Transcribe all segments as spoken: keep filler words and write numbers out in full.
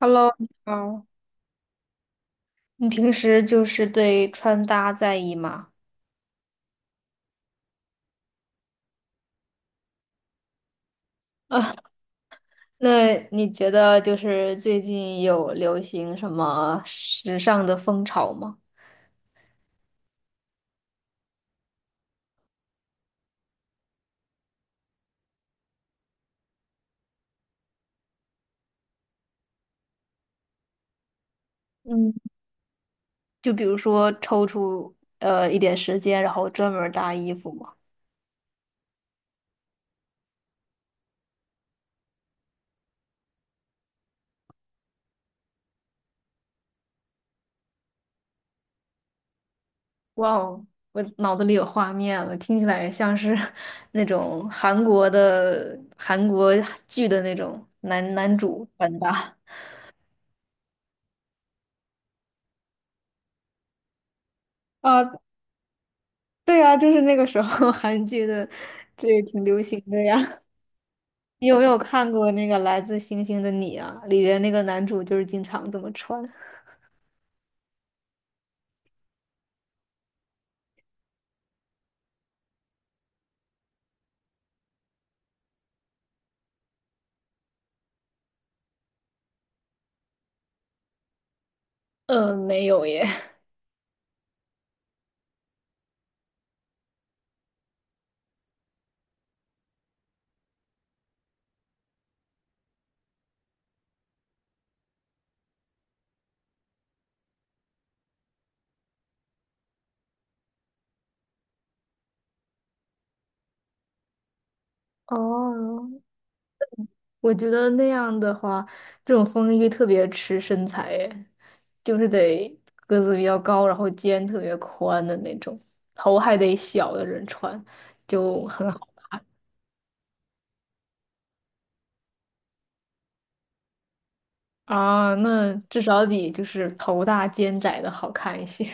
Hello，你好。你平时就是对穿搭在意吗？啊，那你觉得就是最近有流行什么时尚的风潮吗？嗯，就比如说抽出呃一点时间，然后专门儿搭衣服吗？哇哦，我脑子里有画面了，听起来像是 那种韩国的韩国剧的那种男男主穿搭。啊，对啊，就是那个时候 韩剧的，这也挺流行的呀。你有没有看过那个《来自星星的你》啊？里边那个男主就是经常这么穿。呃，没有耶。哦，我觉得那样的话，这种风衣特别吃身材耶，就是得个子比较高，然后肩特别宽的那种，头还得小的人穿，就很好啊。那 至少比就是头大肩窄的好看一些。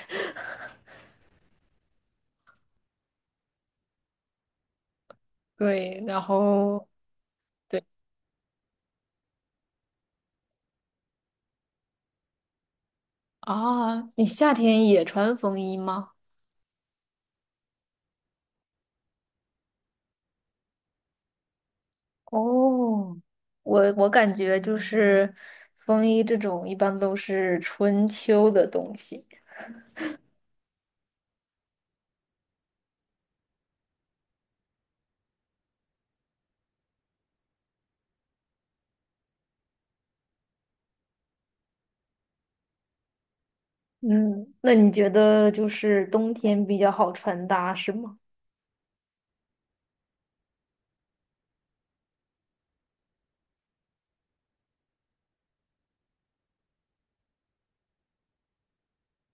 对，然后对啊，你夏天也穿风衣吗？哦，我我感觉就是风衣这种一般都是春秋的东西。嗯，那你觉得就是冬天比较好穿搭是吗？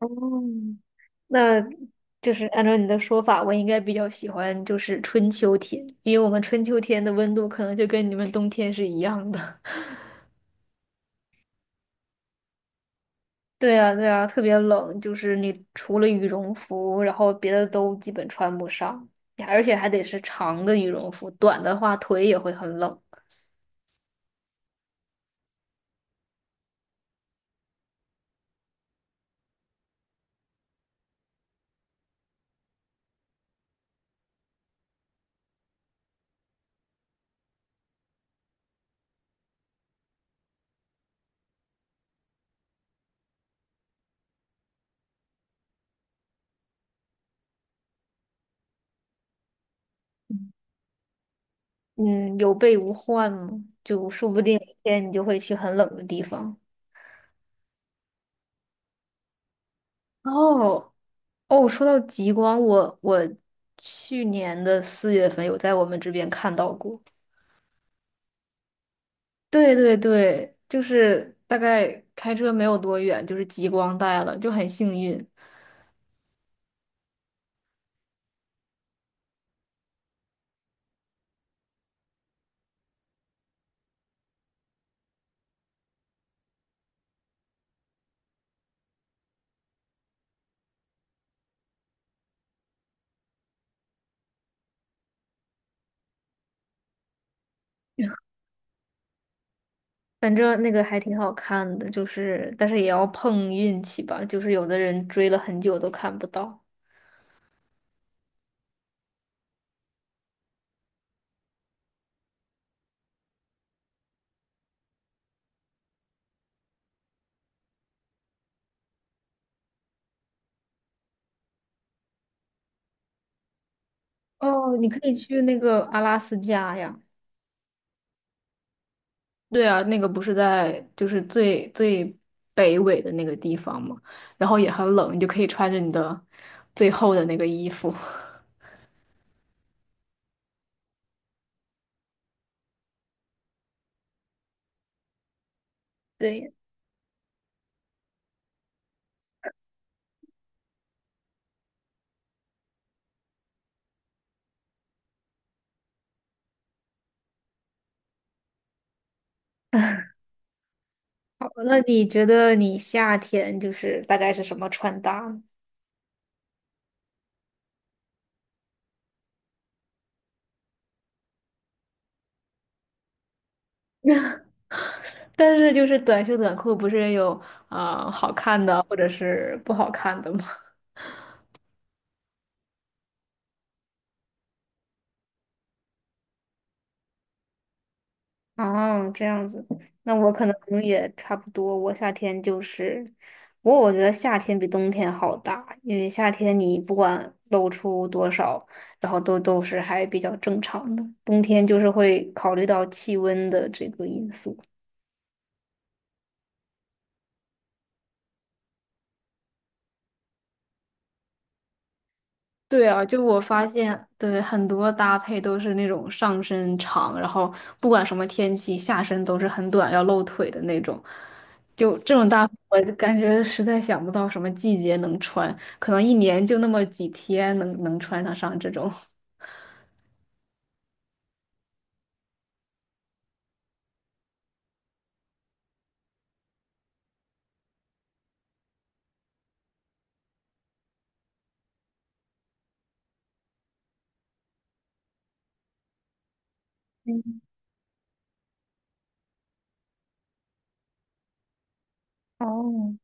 哦，那就是按照你的说法，我应该比较喜欢就是春秋天，因为我们春秋天的温度可能就跟你们冬天是一样的。对啊，对啊，特别冷，就是你除了羽绒服，然后别的都基本穿不上，而且还得是长的羽绒服，短的话腿也会很冷。嗯，有备无患嘛，就说不定有一天你就会去很冷的地方。哦哦，说到极光，我我去年的四月份有在我们这边看到过。对对对，就是大概开车没有多远，就是极光带了，就很幸运。反正那个还挺好看的，就是但是也要碰运气吧，就是有的人追了很久都看不到。哦，你可以去那个阿拉斯加呀。对啊，那个不是在就是最最北纬的那个地方嘛，然后也很冷，你就可以穿着你的最厚的那个衣服。对，那你觉得你夏天就是大概是什么穿搭呢 但是就是短袖短裤不是也有啊呃好看的或者是不好看的吗？哦，这样子，那我可能也差不多。我夏天就是，不过我觉得夏天比冬天好搭，因为夏天你不管露出多少，然后都都是还比较正常的。冬天就是会考虑到气温的这个因素。对啊，就我发现，对，很多搭配都是那种上身长，然后不管什么天气，下身都是很短，要露腿的那种。就这种搭配我就感觉实在想不到什么季节能穿，可能一年就那么几天能能穿得上这种。哦，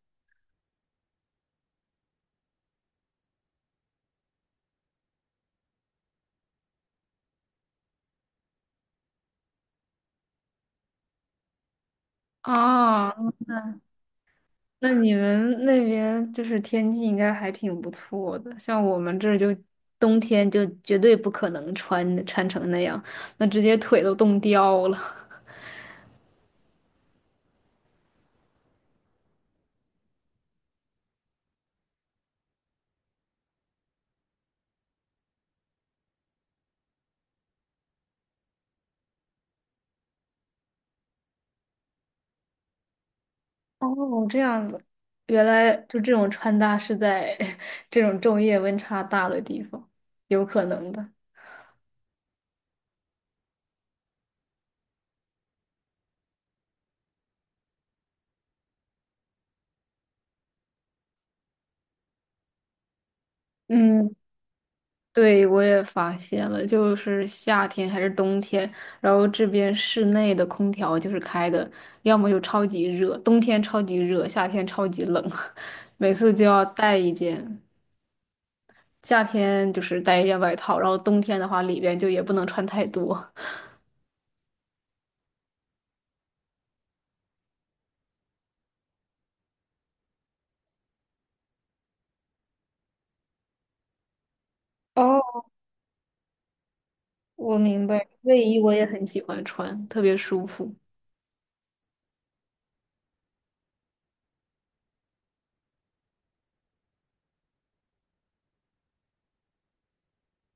啊，那你们那边就是天气应该还挺不错的，像我们这儿就冬天就绝对不可能穿穿成那样，那直接腿都冻掉了。哦，这样子，原来就这种穿搭是在 这种昼夜温差大的地方，有可能的。嗯，对，我也发现了，就是夏天还是冬天，然后这边室内的空调就是开的，要么就超级热，冬天超级热，夏天超级冷，每次就要带一件，夏天就是带一件外套，然后冬天的话里边就也不能穿太多。哦，我明白，卫衣我也很喜欢穿，特别舒服。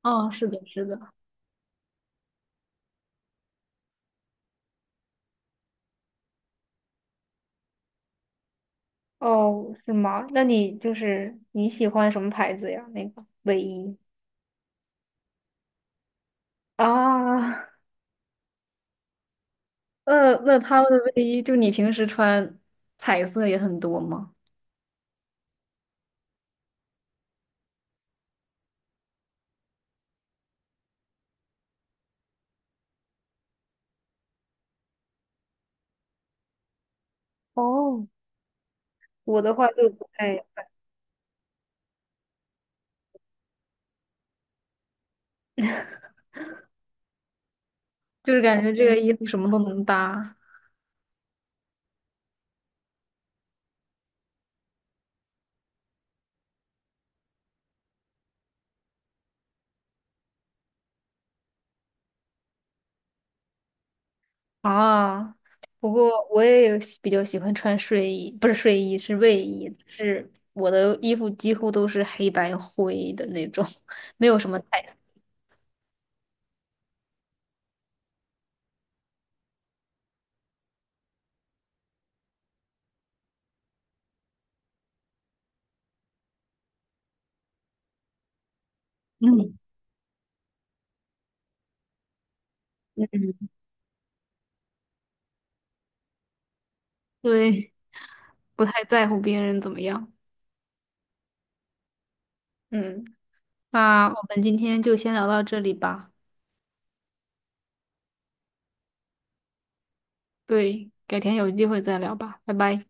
哦，是的，是的。哦，是吗？那你就是你喜欢什么牌子呀？那个卫衣啊，呃，那他们的卫衣，就你平时穿彩色也很多吗？哦，我的话就不太就是感觉这个衣服什么都能搭。啊，不过我也有喜比较喜欢穿睡衣，不是睡衣，是卫衣，是我的衣服几乎都是黑白灰的那种，没有什么彩色。嗯嗯，对。不太在乎别人怎么样。嗯，那我们今天就先聊到这里吧，对，改天有机会再聊吧，拜拜。